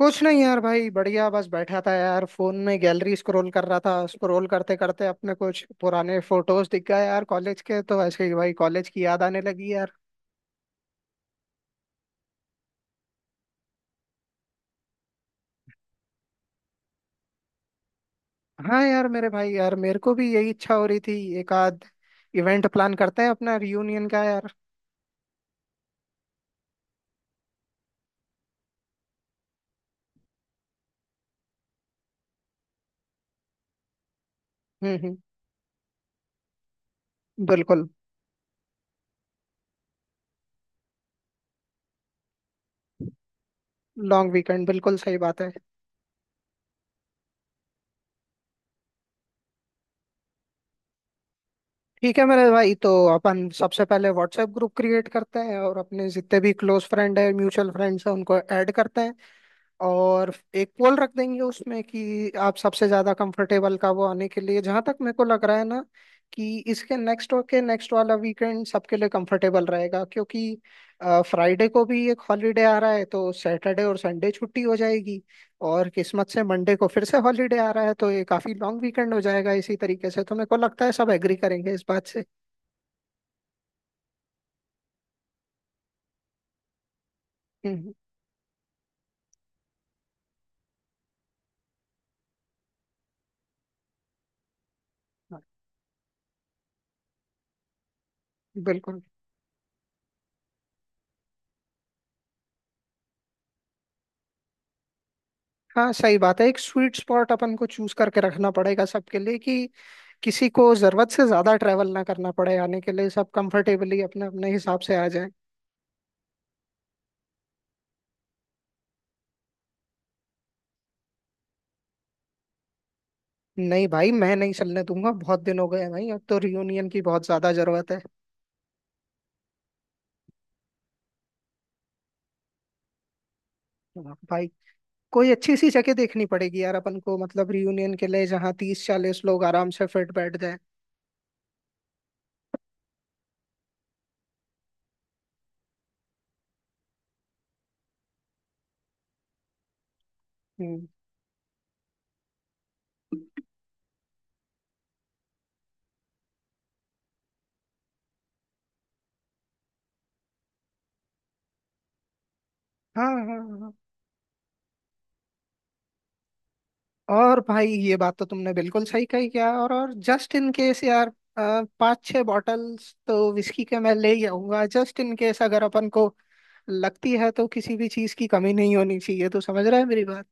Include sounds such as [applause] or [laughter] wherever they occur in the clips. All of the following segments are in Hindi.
कुछ नहीं यार। भाई बढ़िया। बस बैठा था यार, फोन में गैलरी स्क्रॉल कर रहा था। स्क्रॉल करते करते अपने कुछ पुराने फोटोज दिख गए यार, कॉलेज के। तो ऐसे ही भाई कॉलेज की याद आने लगी यार। हाँ यार मेरे भाई, यार मेरे को भी यही इच्छा हो रही थी। एक आध इवेंट प्लान करते हैं अपना रियूनियन का यार। हम्म। बिल्कुल। लॉन्ग वीकेंड बिल्कुल सही बात है। ठीक है मेरे भाई, तो अपन सबसे पहले व्हाट्सएप ग्रुप क्रिएट करते हैं और अपने जितने भी क्लोज फ्रेंड है, म्यूचुअल फ्रेंड्स हैं, उनको ऐड करते हैं। और एक पोल रख देंगे उसमें कि आप सबसे ज्यादा कंफर्टेबल का वो आने के लिए। जहां तक मेरे को लग रहा है ना, कि इसके नेक्स्ट के नेक्स्ट वाला वीकेंड सबके लिए कंफर्टेबल रहेगा, क्योंकि फ्राइडे को भी एक हॉलीडे आ रहा है, तो सैटरडे और संडे छुट्टी हो जाएगी। और किस्मत से मंडे को फिर से हॉलीडे आ रहा है, तो ये काफी लॉन्ग वीकेंड हो जाएगा। इसी तरीके से तो मेरे को लगता है सब एग्री करेंगे इस बात से। हम्म। हाँ। बिल्कुल। हाँ सही बात है, एक स्वीट स्पॉट अपन को चूज करके रखना पड़ेगा सबके लिए, कि किसी को जरूरत से ज्यादा ट्रैवल ना करना पड़े आने के लिए। सब कंफर्टेबली अपने अपने हिसाब से आ जाए। नहीं भाई, मैं नहीं चलने दूंगा। बहुत दिन हो गए हैं भाई, अब तो रियूनियन की बहुत ज्यादा जरूरत है। हाँ, भाई। कोई अच्छी सी जगह देखनी पड़ेगी यार अपन को, मतलब रियूनियन के लिए, जहाँ 30-40 लोग आराम से फिट बैठ जाए। हम्म। हाँ हाँ हाँ, हाँ। और भाई ये बात तो तुमने बिल्कुल सही कही क्या। और जस्ट इन केस यार, पाँच छह बॉटल्स तो विस्की के मैं ले ही आऊंगा, जस्ट इन केस अगर अपन को लगती है। तो किसी भी चीज की कमी नहीं होनी चाहिए। तो समझ रहे हैं मेरी बात।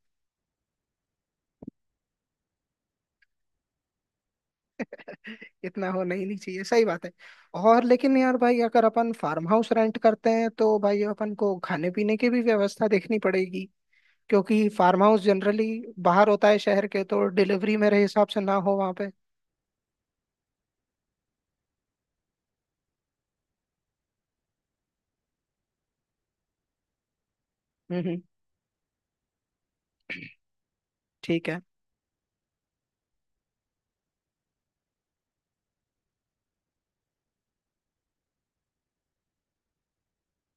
[laughs] इतना होना ही नहीं चाहिए, सही बात है। और लेकिन यार भाई, अगर अपन फार्म हाउस रेंट करते हैं, तो भाई अपन को खाने पीने की भी व्यवस्था देखनी पड़ेगी, क्योंकि फार्म हाउस जनरली बाहर होता है शहर के। तो डिलीवरी मेरे हिसाब से ना हो वहाँ पे। हम्म हम्म, ठीक है।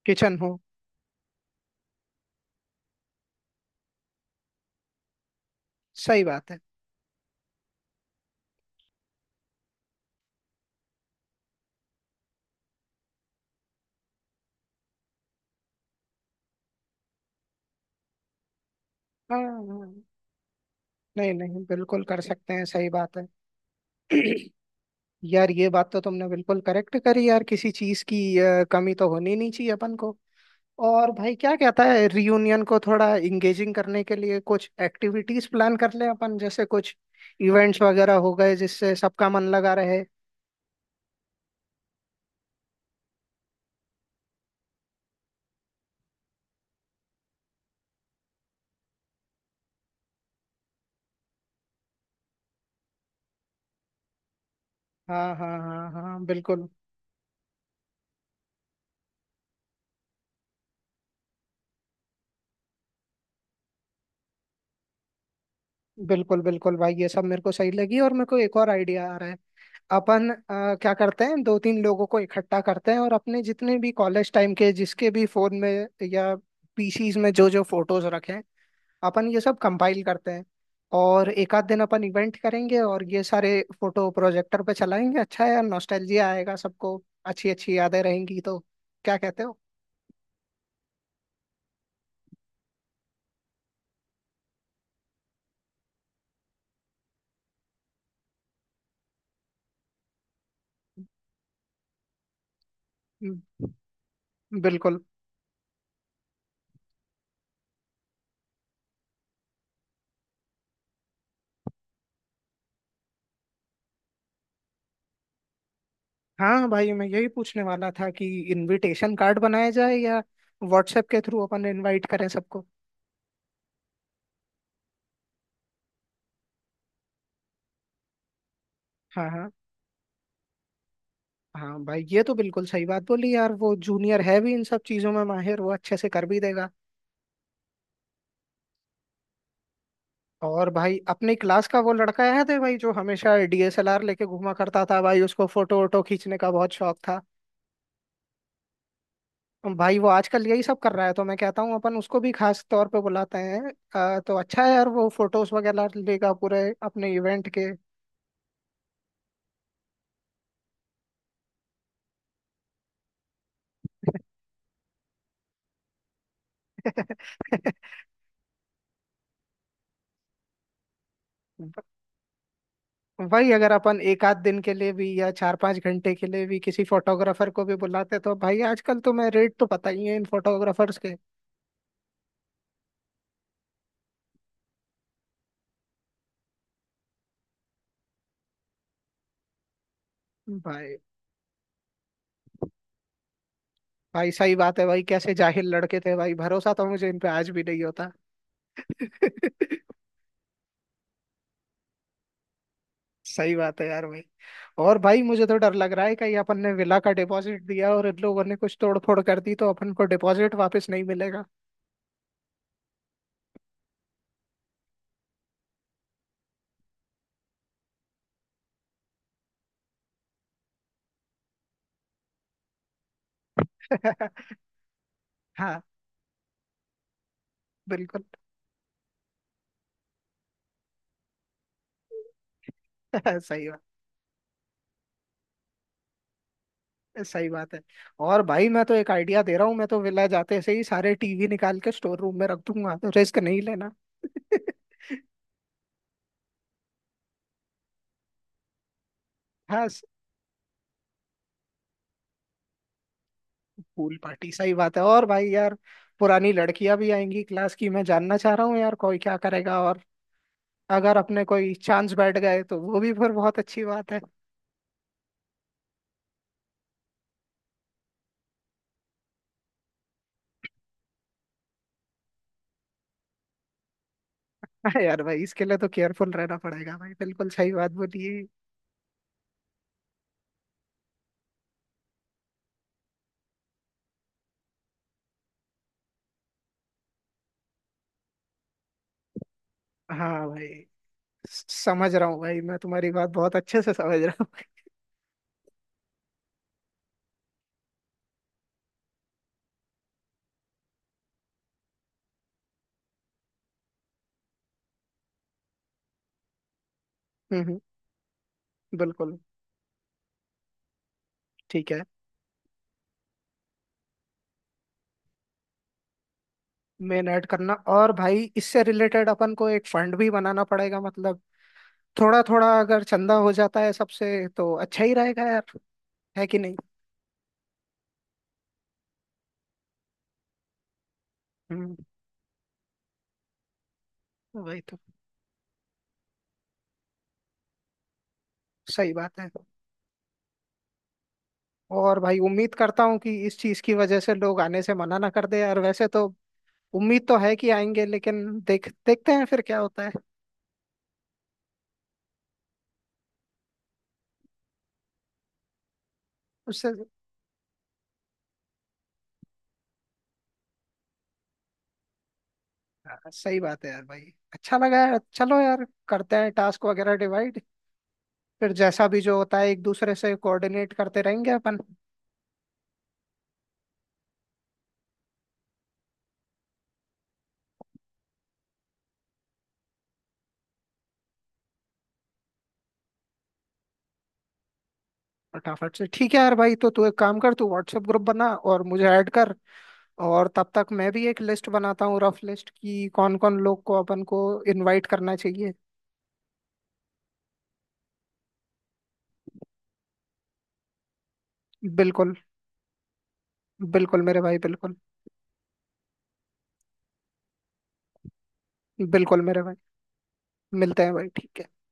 किचन हो। सही बात है। हाँ हाँ, नहीं नहीं बिल्कुल कर सकते हैं, सही बात है। [clears throat] यार ये बात तो तुमने बिल्कुल करेक्ट करी यार, किसी चीज की कमी तो होनी नहीं चाहिए अपन को। और भाई क्या कहता है, रियूनियन को थोड़ा इंगेजिंग करने के लिए कुछ एक्टिविटीज प्लान कर लें अपन, जैसे कुछ इवेंट्स वगैरह हो गए, जिससे सबका मन लगा रहे। हाँ हाँ हाँ हाँ बिल्कुल। बिल्कुल बिल्कुल भाई, ये सब मेरे को सही लगी। और मेरे को एक और आइडिया आ रहा है। अपन क्या करते हैं, दो तीन लोगों को इकट्ठा करते हैं, और अपने जितने भी कॉलेज टाइम के जिसके भी फोन में या पीसीज में जो जो फोटोज रखे हैं, अपन ये सब कंपाइल करते हैं। और एक आध दिन अपन इवेंट करेंगे, और ये सारे फोटो प्रोजेक्टर पे चलाएंगे। अच्छा है यार, नॉस्टैल्जिया आएगा सबको। अच्छी अच्छी यादें रहेंगी। तो क्या कहते हो। हम्म, बिल्कुल। हाँ भाई, मैं यही पूछने वाला था कि इनविटेशन कार्ड बनाया जाए, या व्हाट्सएप के थ्रू अपन इनवाइट करें सबको। हाँ हाँ। हाँ भाई ये तो बिल्कुल सही बात बोली यार, वो जूनियर है भी इन सब चीजों में माहिर, वो अच्छे से कर भी देगा। और भाई अपनी क्लास का वो लड़का याद है भाई, जो हमेशा डीएसएलआर लेके घूमा करता था, भाई उसको फोटो वोटो खींचने का बहुत शौक था। भाई वो आजकल यही सब कर रहा है, तो मैं कहता हूँ अपन उसको भी खास तौर पे बुलाते हैं। तो अच्छा है यार, वो फोटोज वगैरह लेगा पूरे अपने इवेंट के। [laughs] वही अगर अपन एक आध दिन के लिए भी, या चार पांच घंटे के लिए भी किसी फोटोग्राफर को भी बुलाते, तो भाई आजकल तो मैं रेट तो पता ही है इन फोटोग्राफर्स के। भाई भाई सही बात है भाई, कैसे जाहिल लड़के थे भाई, भरोसा तो मुझे इन पे आज भी नहीं होता। [laughs] सही बात है यार भाई। और भाई मुझे तो डर लग रहा है, कहीं अपन ने विला का डिपॉजिट दिया और इन लोगों ने कुछ तोड़ फोड़ कर दी, तो अपन को डिपॉजिट वापस नहीं मिलेगा। [laughs] हाँ बिल्कुल। [laughs] सही। सही बात है। और भाई मैं तो एक आइडिया दे रहा हूँ, मैं तो विला जाते से ही सारे टीवी निकाल के स्टोर रूम में रख दूंगा। तो रिस्क नहीं लेना। [laughs] हाँ। पूल पार्टी सही बात है। और भाई यार पुरानी लड़कियां भी आएंगी क्लास की, मैं जानना चाह रहा हूँ यार कोई क्या करेगा। और अगर अपने कोई चांस बैठ गए, तो वो भी फिर बहुत अच्छी बात है। [laughs] हाँ यार भाई, इसके लिए तो केयरफुल रहना पड़ेगा भाई, बिल्कुल सही बात बोलिए। हाँ भाई, समझ रहा हूँ भाई, मैं तुम्हारी बात बहुत अच्छे से समझ रहा हूँ। [laughs] हम्म, हम्म, बिल्कुल। ठीक है। मेन ऐड करना। और भाई इससे रिलेटेड अपन को एक फंड भी बनाना पड़ेगा, मतलब थोड़ा थोड़ा अगर चंदा हो जाता है सबसे, तो अच्छा ही रहेगा यार। है कि नहीं। हम्म। वही तो। सही बात है। और भाई उम्मीद करता हूँ कि इस चीज की वजह से लोग आने से मना ना कर दे यार। वैसे तो उम्मीद तो है कि आएंगे, लेकिन देख देखते हैं फिर क्या होता है उससे हाँ, सही बात है यार भाई। अच्छा लगा यार, चलो यार करते हैं टास्क वगैरह डिवाइड। फिर जैसा भी जो होता है एक दूसरे से कोऑर्डिनेट करते रहेंगे अपन। फटाफट से ठीक है यार भाई, तो तू एक काम कर, तू व्हाट्सएप ग्रुप बना और मुझे ऐड कर। और तब तक मैं भी एक लिस्ट बनाता हूँ, रफ लिस्ट, कि कौन कौन लोग को अपन को इनवाइट करना चाहिए। बिल्कुल। बिल्कुल मेरे भाई बिल्कुल। बिल्कुल मेरे भाई, मिलते हैं भाई ठीक है।